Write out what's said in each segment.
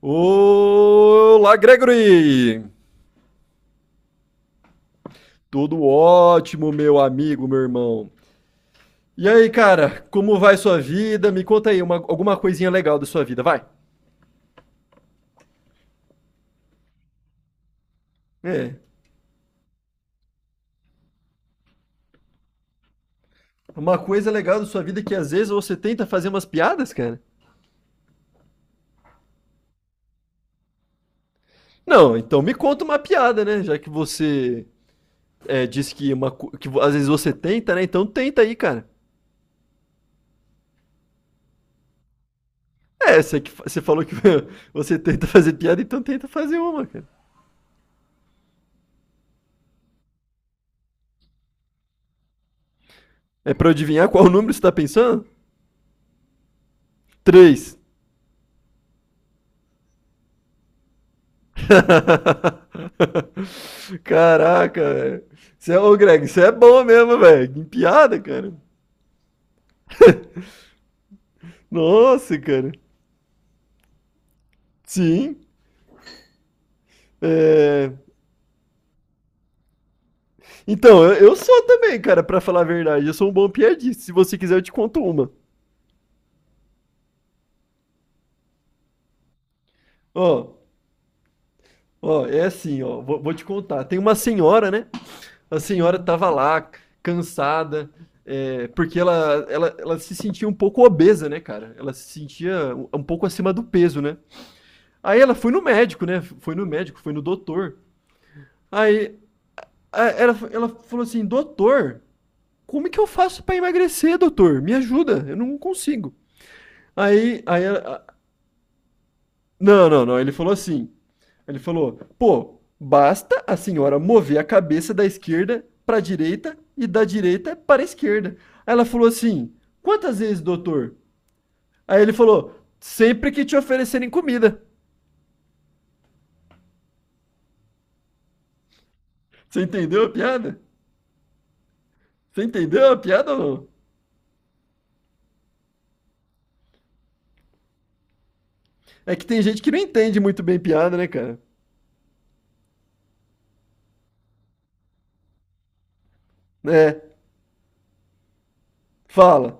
Olá, Gregory! Tudo ótimo, meu amigo, meu irmão. E aí, cara, como vai sua vida? Me conta aí alguma coisinha legal da sua vida, vai. É, uma coisa legal da sua vida é que às vezes você tenta fazer umas piadas, cara. Não, então me conta uma piada, né? Já que você disse que, uma, co- que vo- às vezes você tenta, né? Então tenta aí, cara. Você falou que você tenta fazer piada, então tenta fazer uma, cara. É pra eu adivinhar qual número você tá pensando? Três. Caraca, velho. Ô Greg, você é bom mesmo, velho. Em piada, cara. Nossa, cara. Sim. É... Então, eu sou também, cara, pra falar a verdade. Eu sou um bom piadista. Se você quiser, eu te conto uma. Ó, ó, é assim, ó. Vou te contar. Tem uma senhora, né? A senhora tava lá, cansada, porque ela se sentia um pouco obesa, né, cara? Ela se sentia um pouco acima do peso, né? Aí ela foi no médico, né? Foi no médico, foi no doutor. Aí ela falou assim: Doutor, como é que eu faço pra emagrecer, doutor? Me ajuda, eu não consigo. Aí, aí ela, a- não, não, não. Ele falou assim: Ele falou, pô, basta a senhora mover a cabeça da esquerda pra direita e da direita para a esquerda. Aí ela falou assim: Quantas vezes, doutor? Aí ele falou: Sempre que te oferecerem comida. Você entendeu a piada? Você entendeu a piada ou não? É que tem gente que não entende muito bem piada, né, cara? É. Fala.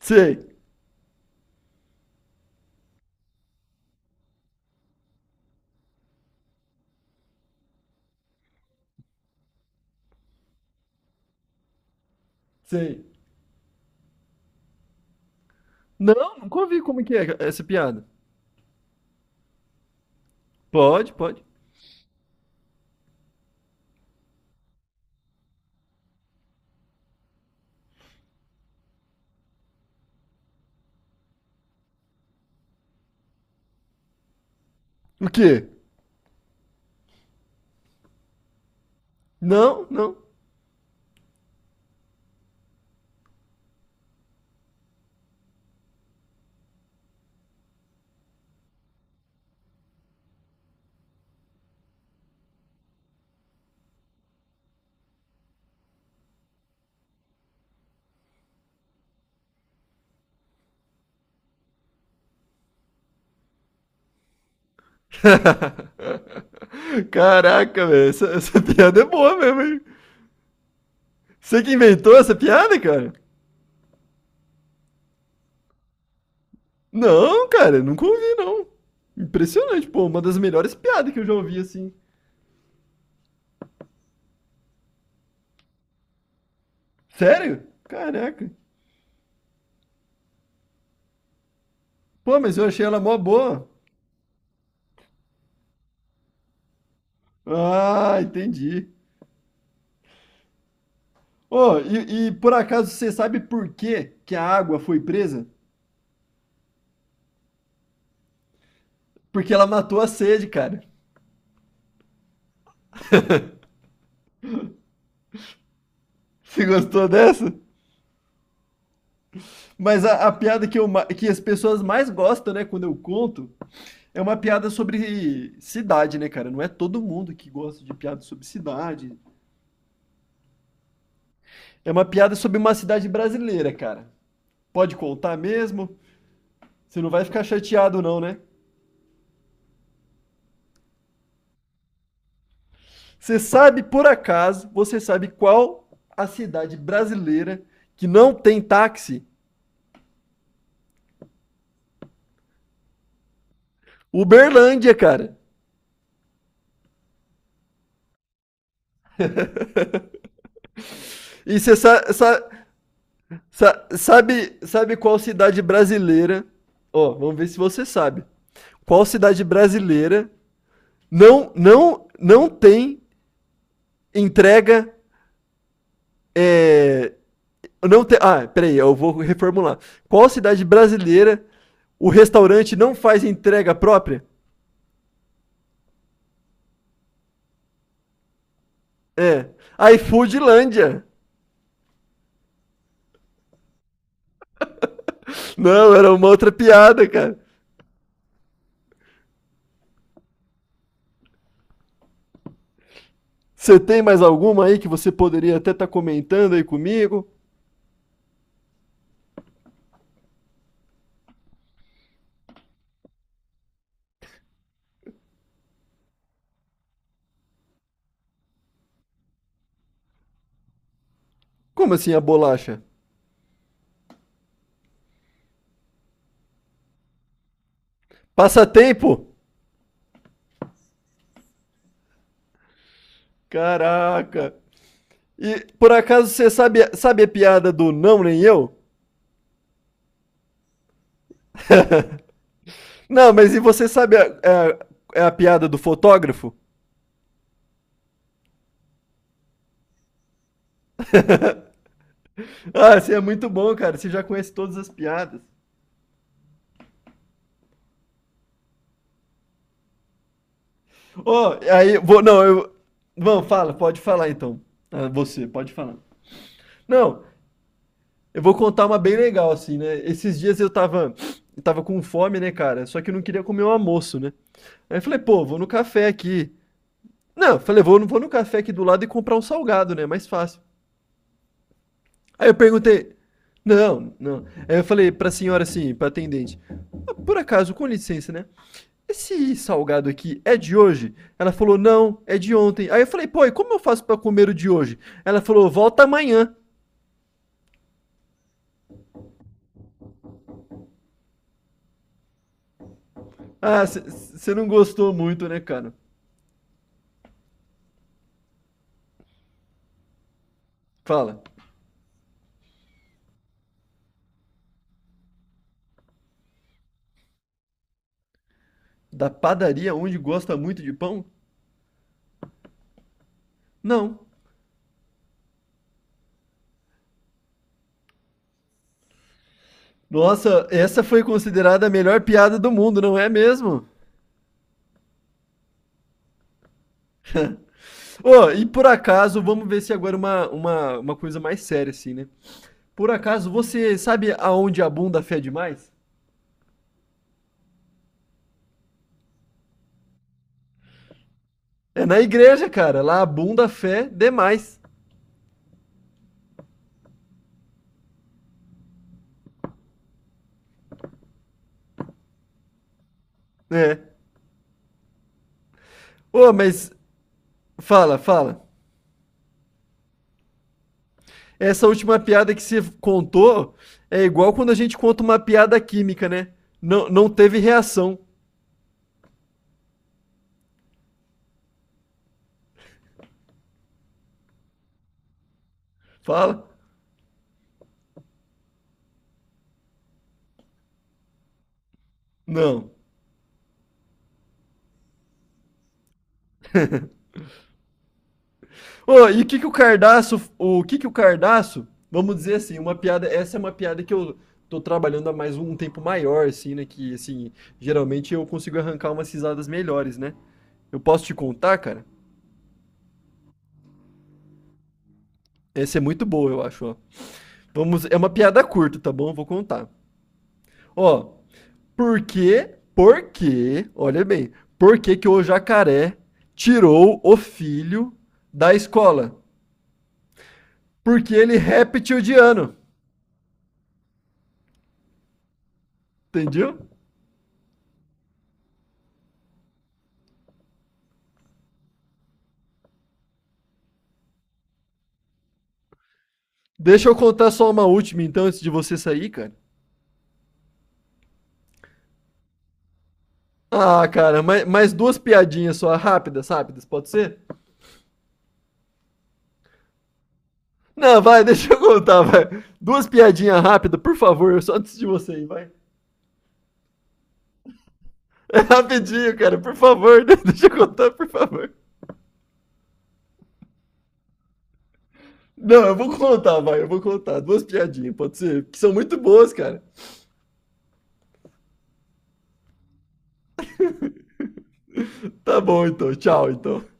Sei. Sei. Não, nunca ouvi como que é essa piada. Pode, pode. O quê? Não, não. Caraca, velho. Essa piada é boa mesmo, hein? Você que inventou essa piada, cara? Não, cara, nunca ouvi, não. Impressionante, pô. Uma das melhores piadas que eu já ouvi, assim. Sério? Caraca. Pô, mas eu achei ela mó boa. Ah, entendi. Ô, e por acaso você sabe por que que a água foi presa? Porque ela matou a sede, cara. Você gostou dessa? Mas a piada que as pessoas mais gostam, né, quando eu conto, é uma piada sobre cidade, né, cara? Não é todo mundo que gosta de piada sobre cidade. É uma piada sobre uma cidade brasileira, cara. Pode contar mesmo? Você não vai ficar chateado, não, né? Você sabe, por acaso, você sabe qual a cidade brasileira que não tem táxi? Uberlândia, cara. E você sabe qual cidade brasileira? Ó, vamos ver se você sabe. Qual cidade brasileira não tem entrega é, não tem, ah, peraí, eu vou reformular. Qual cidade brasileira o restaurante não faz entrega própria? É, iFoodlândia. Não, era uma outra piada, cara. Você tem mais alguma aí que você poderia até estar comentando aí comigo? Como assim a bolacha? Passatempo? Caraca. E por acaso você sabe, sabe a piada do não nem eu? Não, mas e você sabe a piada do fotógrafo? Ah, você é muito bom, cara. Você já conhece todas as piadas. Ô, aí, vou, não, eu. Não, fala, pode falar então. Ah, você, pode falar. Não, eu vou contar uma bem legal, assim, né? Esses dias eu tava com fome, né, cara? Só que eu não queria comer um almoço, né? Aí eu falei, pô, vou no café aqui. Não, eu falei, vou no café aqui do lado e comprar um salgado, né? Mais fácil. Aí eu perguntei, não, não. Aí eu falei pra senhora assim, pra atendente, "Ah, por acaso, com licença, né? Esse salgado aqui é de hoje? Ela falou, não, é de ontem. Aí eu falei, pô, e como eu faço pra comer o de hoje? Ela falou, volta amanhã. Ah, você não gostou muito, né, cara? Fala, da padaria onde gosta muito de pão? Não. Nossa, essa foi considerada a melhor piada do mundo, não é mesmo? Ô, e por acaso, vamos ver se agora uma coisa mais séria, assim, né? Por acaso, você sabe aonde a bunda fé é demais? É na igreja, cara. Lá a bunda fé é demais. É. Ô, mas fala. Essa última piada que você contou é igual quando a gente conta uma piada química, né? Não, não teve reação. Fala. Não. Ô, e o que que o cardaço, vamos dizer assim, essa é uma piada que eu tô trabalhando há mais um tempo maior, assim, né, que, assim, geralmente eu consigo arrancar umas risadas melhores, né? Eu posso te contar, cara? Essa é muito boa, eu acho, ó. Vamos, é uma piada curta, tá bom? Vou contar. Ó, olha bem, por que que o jacaré tirou o filho da escola? Porque ele é reptiliano, entendeu? Deixa eu contar só uma última, então, antes de você sair, cara. Ah, cara, mais duas piadinhas só, rápidas, rápidas, pode ser? Não, vai, deixa eu contar, vai. Duas piadinhas rápidas, por favor, só antes de você ir, vai. É rapidinho, cara, por favor, né? Deixa eu contar, por favor. Não, eu vou contar, vai, eu vou contar. Duas piadinhas, pode ser? Que são muito boas, cara. Tá bom, então, tchau, então.